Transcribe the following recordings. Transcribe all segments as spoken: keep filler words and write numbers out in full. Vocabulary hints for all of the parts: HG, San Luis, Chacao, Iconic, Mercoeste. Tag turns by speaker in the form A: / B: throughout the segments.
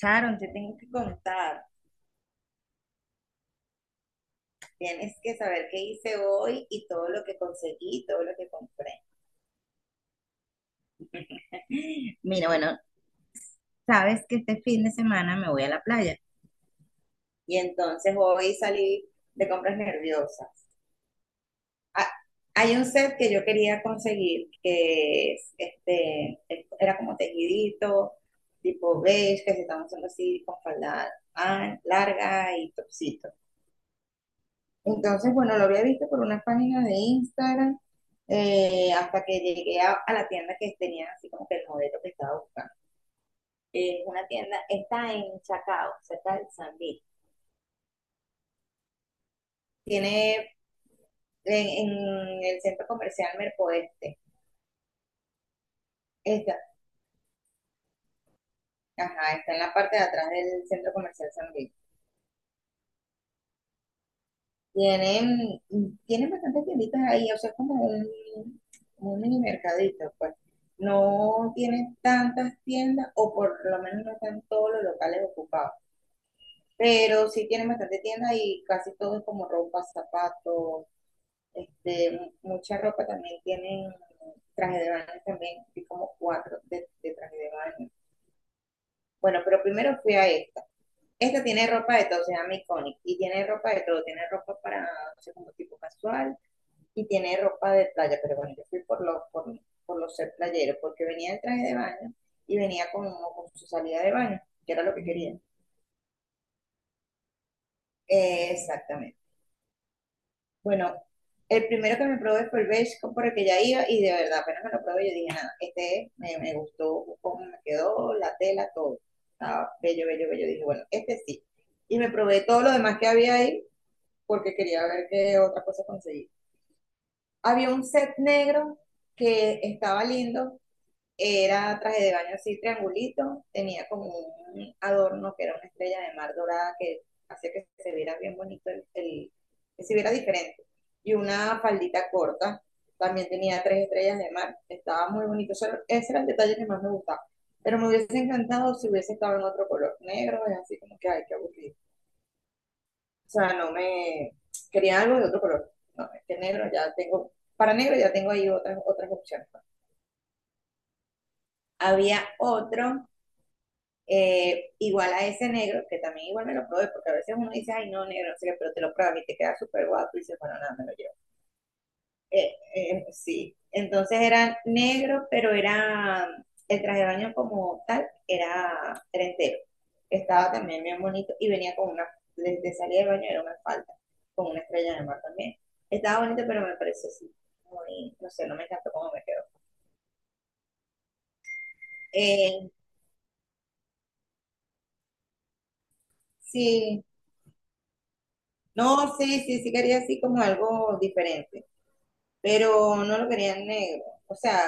A: Sharon, te tengo que contar. Tienes que saber qué hice hoy y todo lo que conseguí, todo lo que compré. Mira, bueno, sabes que este fin de semana me voy a la playa y entonces hoy salí de compras nerviosas. Ah, Hay un set que yo quería conseguir que es, este, es- era como tejidito, tipo beige, que se están usando así con falda ah, larga y topsito. Entonces, bueno, lo había visto por unas páginas de Instagram eh, hasta que llegué a, a la tienda que tenía así como que el modelo que estaba buscando. Es una tienda, está en Chacao, cerca del San Luis. Tiene en, en el centro comercial Mercoeste. Está, ajá, está en la parte de atrás del centro comercial San Luis. Tienen, tienen bastantes tienditas ahí, o sea, es como un, un mini mercadito, pues. No tienen tantas tiendas, o por lo menos no están todos los locales ocupados, pero sí tienen bastante tiendas y casi todo es como ropa, zapatos, este, mu- mucha ropa también tienen traje de baño también, vi como cuatro de, de traje de baño. Bueno, pero primero fui a esta. Esta tiene ropa de todo, se llama Iconic, y tiene ropa de todo, tiene ropa para, no sé, como tipo casual y tiene ropa de playa, pero bueno, yo fui por lo, por, por lo ser playero, porque venía en traje de baño y venía con, con su salida de baño, que era lo que quería. Eh, exactamente. Bueno, el primero que me probé fue el beige por el que ya iba y de verdad, apenas me lo probé, yo dije, nada, este es, me, me gustó cómo me quedó, la tela, todo. Estaba bello, bello, bello. Dije, bueno, este sí. Y me probé todo lo demás que había ahí porque quería ver qué otra cosa conseguí. Había un set negro que estaba lindo. Era traje de baño así triangulito, tenía como un adorno que era una estrella de mar dorada que hacía que se viera bien bonito, el, el- que se viera diferente. Y una faldita corta, también tenía tres estrellas de mar, estaba muy bonito. Eso era- ese era el detalle que más me gustaba. Pero me hubiese encantado si hubiese estado en otro color negro, es así como que, ay, qué aburrido. O sea, no me... Quería algo de otro color. No, es que negro ya tengo, para negro ya tengo ahí otras, otras opciones, pues. Había otro Eh, igual a ese negro, que también igual me lo probé, porque a veces uno dice, ay, no, negro, no sé qué, pero te lo pruebas y te queda súper guapo y dices, bueno, nada, me lo llevo. Eh, eh, sí, entonces era negro, pero era el traje de baño como tal, era, era entero. Estaba también bien bonito y venía con una, desde de salida de baño era una falda, con una estrella de mar también. Estaba bonito, pero me pareció así, muy, no sé, no me encantó cómo me quedó. Eh, sí, no, sí, sí, sí quería así como algo diferente, pero no lo querían negro. O sea,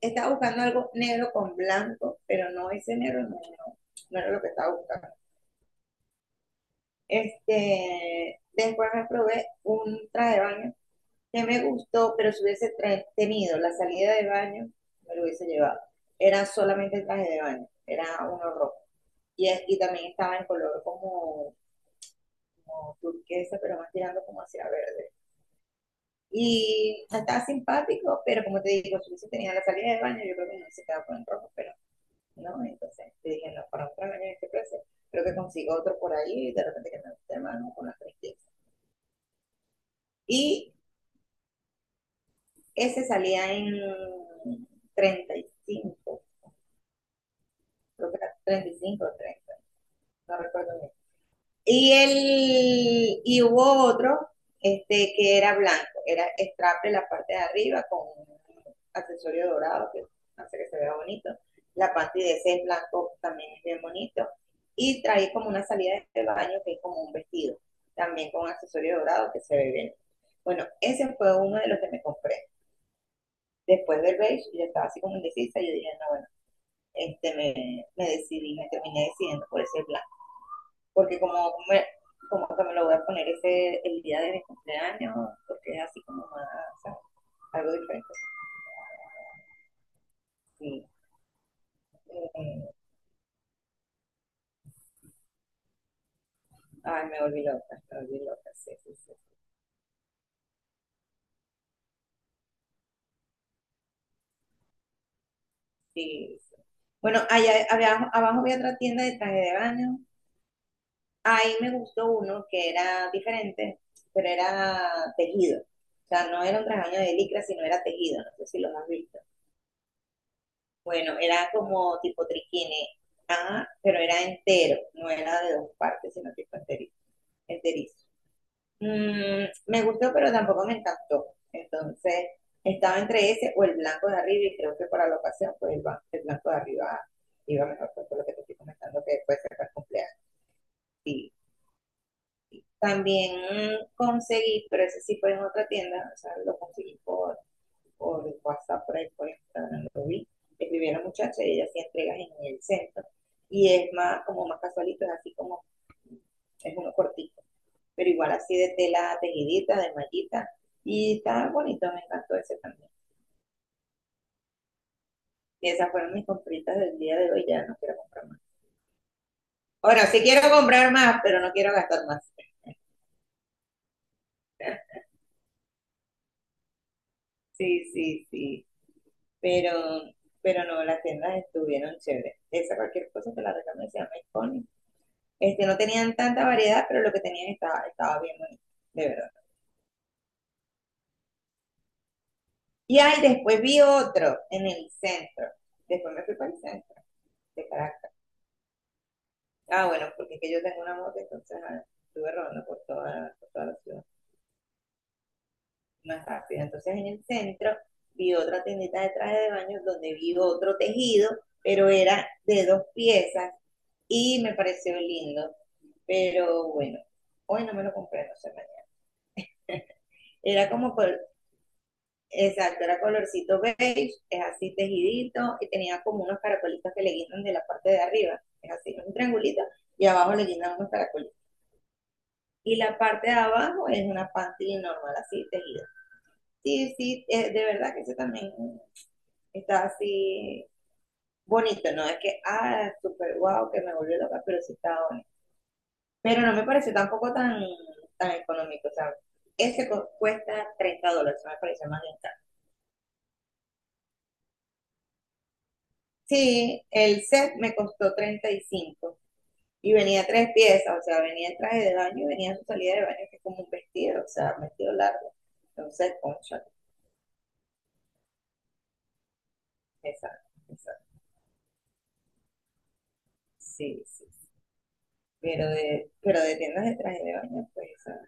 A: estaba buscando algo negro con blanco, pero no ese negro no, no, no era lo que estaba buscando. Este, después me probé un traje de baño que me gustó, pero si hubiese tra- tenido la salida de baño, me lo hubiese llevado. Era solamente el traje de baño, era uno rojo. Y, es- y también estaba en color como, como turquesa, pero más tirando como hacia verde. Y estaba simpático, pero como te digo, su hizo tenía la salida del baño, yo creo que no se quedaba con el rojo, pero no, entonces te dije, no, para otro baño en este precio, creo que consigo otro por ahí y de repente que me guste más, ¿no? Con las trescientos quince. Y ese salía en treinta y cinco, creo que era treinta y cinco o treinta, no recuerdo bien. Y, el, y hubo otro este, que era blanco, era straple la parte de arriba con un accesorio dorado que hace que se vea bonito. La parte de ese es blanco también es bien bonito. Y trae como una salida de baño que es como un vestido, también con accesorio dorado que se ve bien. Bueno, ese fue uno de los que me compré. Después del beige, yo estaba así como indecisa, y yo dije, no, bueno, este, me, me decidí, me terminé decidiendo por ese blanco porque como, como que me lo voy a poner ese el día de mi cumpleaños, porque es así como más, ¿sabes? Algo diferente. Sí. Eh, ay, me volví loca, me volví loca, sí, sí, sí. Sí, sí. Bueno, allá había- abajo había otra tienda de traje de baño. Ahí me gustó uno que era diferente, pero era tejido. O sea, no era un traje de baño de licra, sino era tejido. No sé si lo has visto. Bueno, era como tipo triquine, ah pero era entero, no era de dos partes, sino tipo entero, enterizo. Mm, me gustó, pero tampoco me encantó. Entonces, estaba entre ese o el blanco de arriba, y creo que para la ocasión, pues el, el blanco de arriba iba mejor, pues, por lo que te estoy comentando, que puede ser para el cumpleaños. Y también mm, conseguí, pero ese sí fue en otra tienda, o sea, lo conseguí por, por WhatsApp, por ahí, por Instagram, lo vi. Escribí a la muchacha y ella hacía entregas en el centro. Y es más, como más casualito, es así como, es uno cortito pero igual así de tela tejidita, de mallita. Y estaba bonito, me encantó ese también. Y esas fueron mis compritas del día de hoy, ya no quiero comprar más. Bueno, sí quiero comprar más, pero no quiero gastar más. Sí, sí, sí. Pero, pero no, las tiendas estuvieron chéveres. Esa cualquier cosa te la recomiendo, se llama Iconic. Este, no tenían tanta variedad, pero lo que tenían estaba, estaba bien bonito, de verdad. Y ahí después vi otro en el centro. Después me fui para el centro de Caracas. Ah, bueno, porque es que yo tengo una moto, entonces ah, estuve rodando por toda, por toda la ciudad. Más rápido. Entonces en el centro vi otra tiendita de traje de baño donde vi otro tejido, pero era de dos piezas y me pareció lindo. Pero bueno, hoy no me lo compré, no sé mañana. Era como, col- exacto, era colorcito beige, es así tejidito y tenía como unos caracolitos que le guindan de la parte de arriba. Es así, un triangulito y abajo le guindan unos caracolitos. Y la parte de abajo es una panty normal, así tejida. Sí, sí, eh, de verdad que eso también está así bonito, no es que, ah, súper guau, que me volvió loca, pero sí está bonito. Pero no me pareció tampoco tan, tan económico, o sea, ese co- cuesta treinta dólares, me pareció más bien caro. Sí, el set me costó treinta y cinco y cinco y venía tres piezas, o sea, venía el traje de baño y venía su salida de baño, que es como un vestido, o sea, un vestido largo. Entonces, concha, esa, esa Sí, sí, sí. Pero de, pero de tiendas de traje de baño, pues, ah.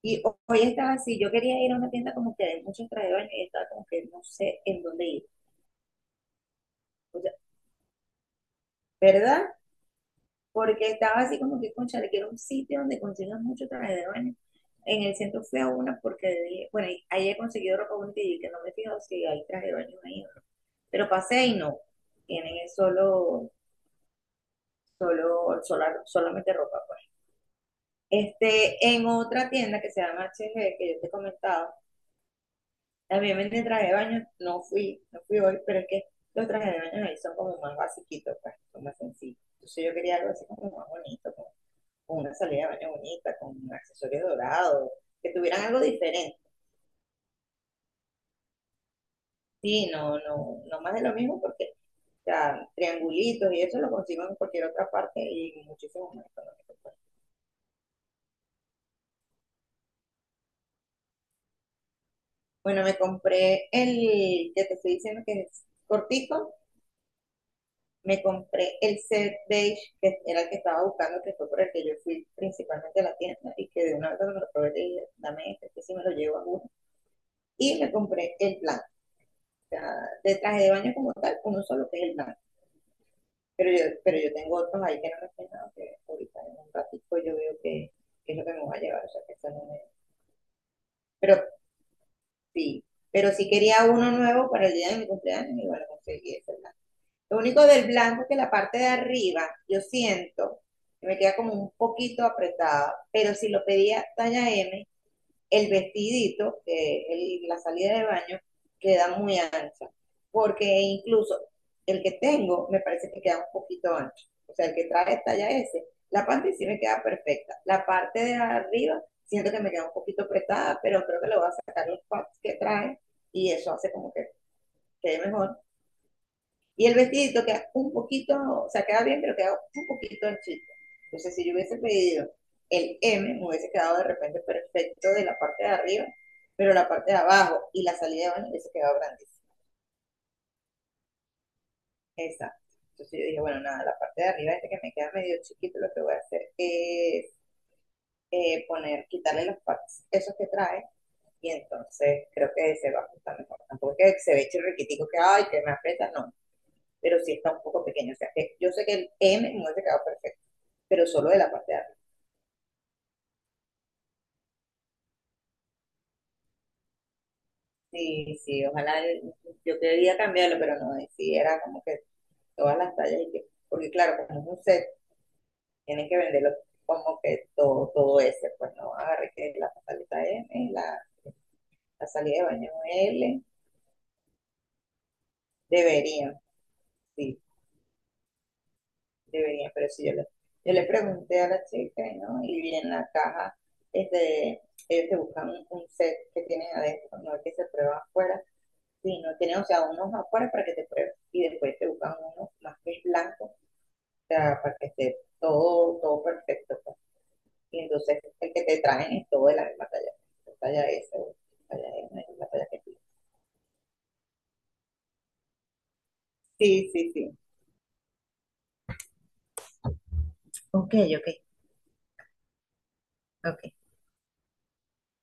A: Y ho- hoy estaba así, yo quería ir a una tienda como que de muchos trajes de baño y estaba como que no sé en dónde ir. O sea, ¿verdad? Porque estaba así como que, concha, le quiero un sitio donde consigas mucho traje de baño. En el centro fui a una porque dije, bueno, y ahí he conseguido ropa bonita y que no me he fijado si hay traje de baño ahí o no. Pero pasé y no. Tienen es solo, solo, sola- solamente ropa, pues. Este, en otra tienda que se llama H G, que yo te comentaba, también vendí traje de baño, no fui, no fui hoy, pero es que los trajes de baño ahí son como más basiquitos, pues, son más sencillos. Entonces yo quería algo así como más bonito, con, con una salida de baño bonita, con accesorios dorados, que tuvieran algo diferente. Sí, no, no, no más de lo mismo porque ya triangulitos y eso lo consigo en cualquier otra parte y muchísimo más económico, pues. Bueno, me compré el que te estoy diciendo que es cortico, me compré el set beige, que era el que estaba buscando, que fue por el que yo fui principalmente a la tienda, y que de una vez cuando me lo probé le dije, dame este, que si me lo llevo a uno. Y me compré el blanco, o sea, de traje de baño como tal, uno solo que es el blanco. Pero yo, pero yo tengo otros ahí que no me he peinado, que ahorita en un ratito yo veo que, que es lo que me voy a llevar, o sea, que eso no me... Pero sí, pero sí quería uno nuevo para el día de mi cumpleaños, y bueno, conseguí ese blanco. Lo único del blanco es que la parte de arriba, yo siento que me queda como un poquito apretada, pero si lo pedía talla M, el vestidito, que el- la salida de baño, queda muy ancha, porque incluso el que tengo me parece que queda un poquito ancho. O sea, el que trae talla S, la parte sí me queda perfecta. La parte de arriba siento que me queda un poquito apretada, pero creo que le voy a sacar los pads que trae y eso hace como que quede mejor. Y el vestidito queda un poquito, o sea, queda bien, pero queda un poquito anchito. Entonces, si yo hubiese pedido el M, me hubiese quedado de repente perfecto de la parte de arriba, pero la parte de abajo y la salida de baño hubiese quedado grandísima. Exacto. Entonces yo dije, bueno, nada, la parte de arriba, este que me queda medio chiquito, lo que voy a hacer es eh, poner, quitarle los partes, esos que trae, y entonces creo que se va a ajustar mejor. Tampoco es que se ve chirriquitico que, ay, que me aprieta, no, pero sí está un poco pequeño. O sea, que yo sé que el M me hubiese quedado perfecto, pero solo de la parte de arriba. Sí, sí, ojalá el- yo quería cambiarlo, pero no, y sí, era como que todas las tallas y que, porque claro, como es un set, tienen que venderlo como que todo, todo ese, pues no agarré que la pantaleta M, la, la salida de baño L, deberían, sí, debería, pero si yo le, yo le pregunté a la chica, ¿no? Y vi en la caja, este, ellos te buscan un, un set que tienen adentro, no el que se prueba afuera, sino tienen, o sea, unos afuera para que te pruebes y después te buscan uno más que es blanco, o sea, para que esté todo, todo perfecto, pues. Y entonces el que te traen es todo de la misma talla, la talla S, o la talla M, la talla que tú. Sí, sí, sí. Ok, ok, ok.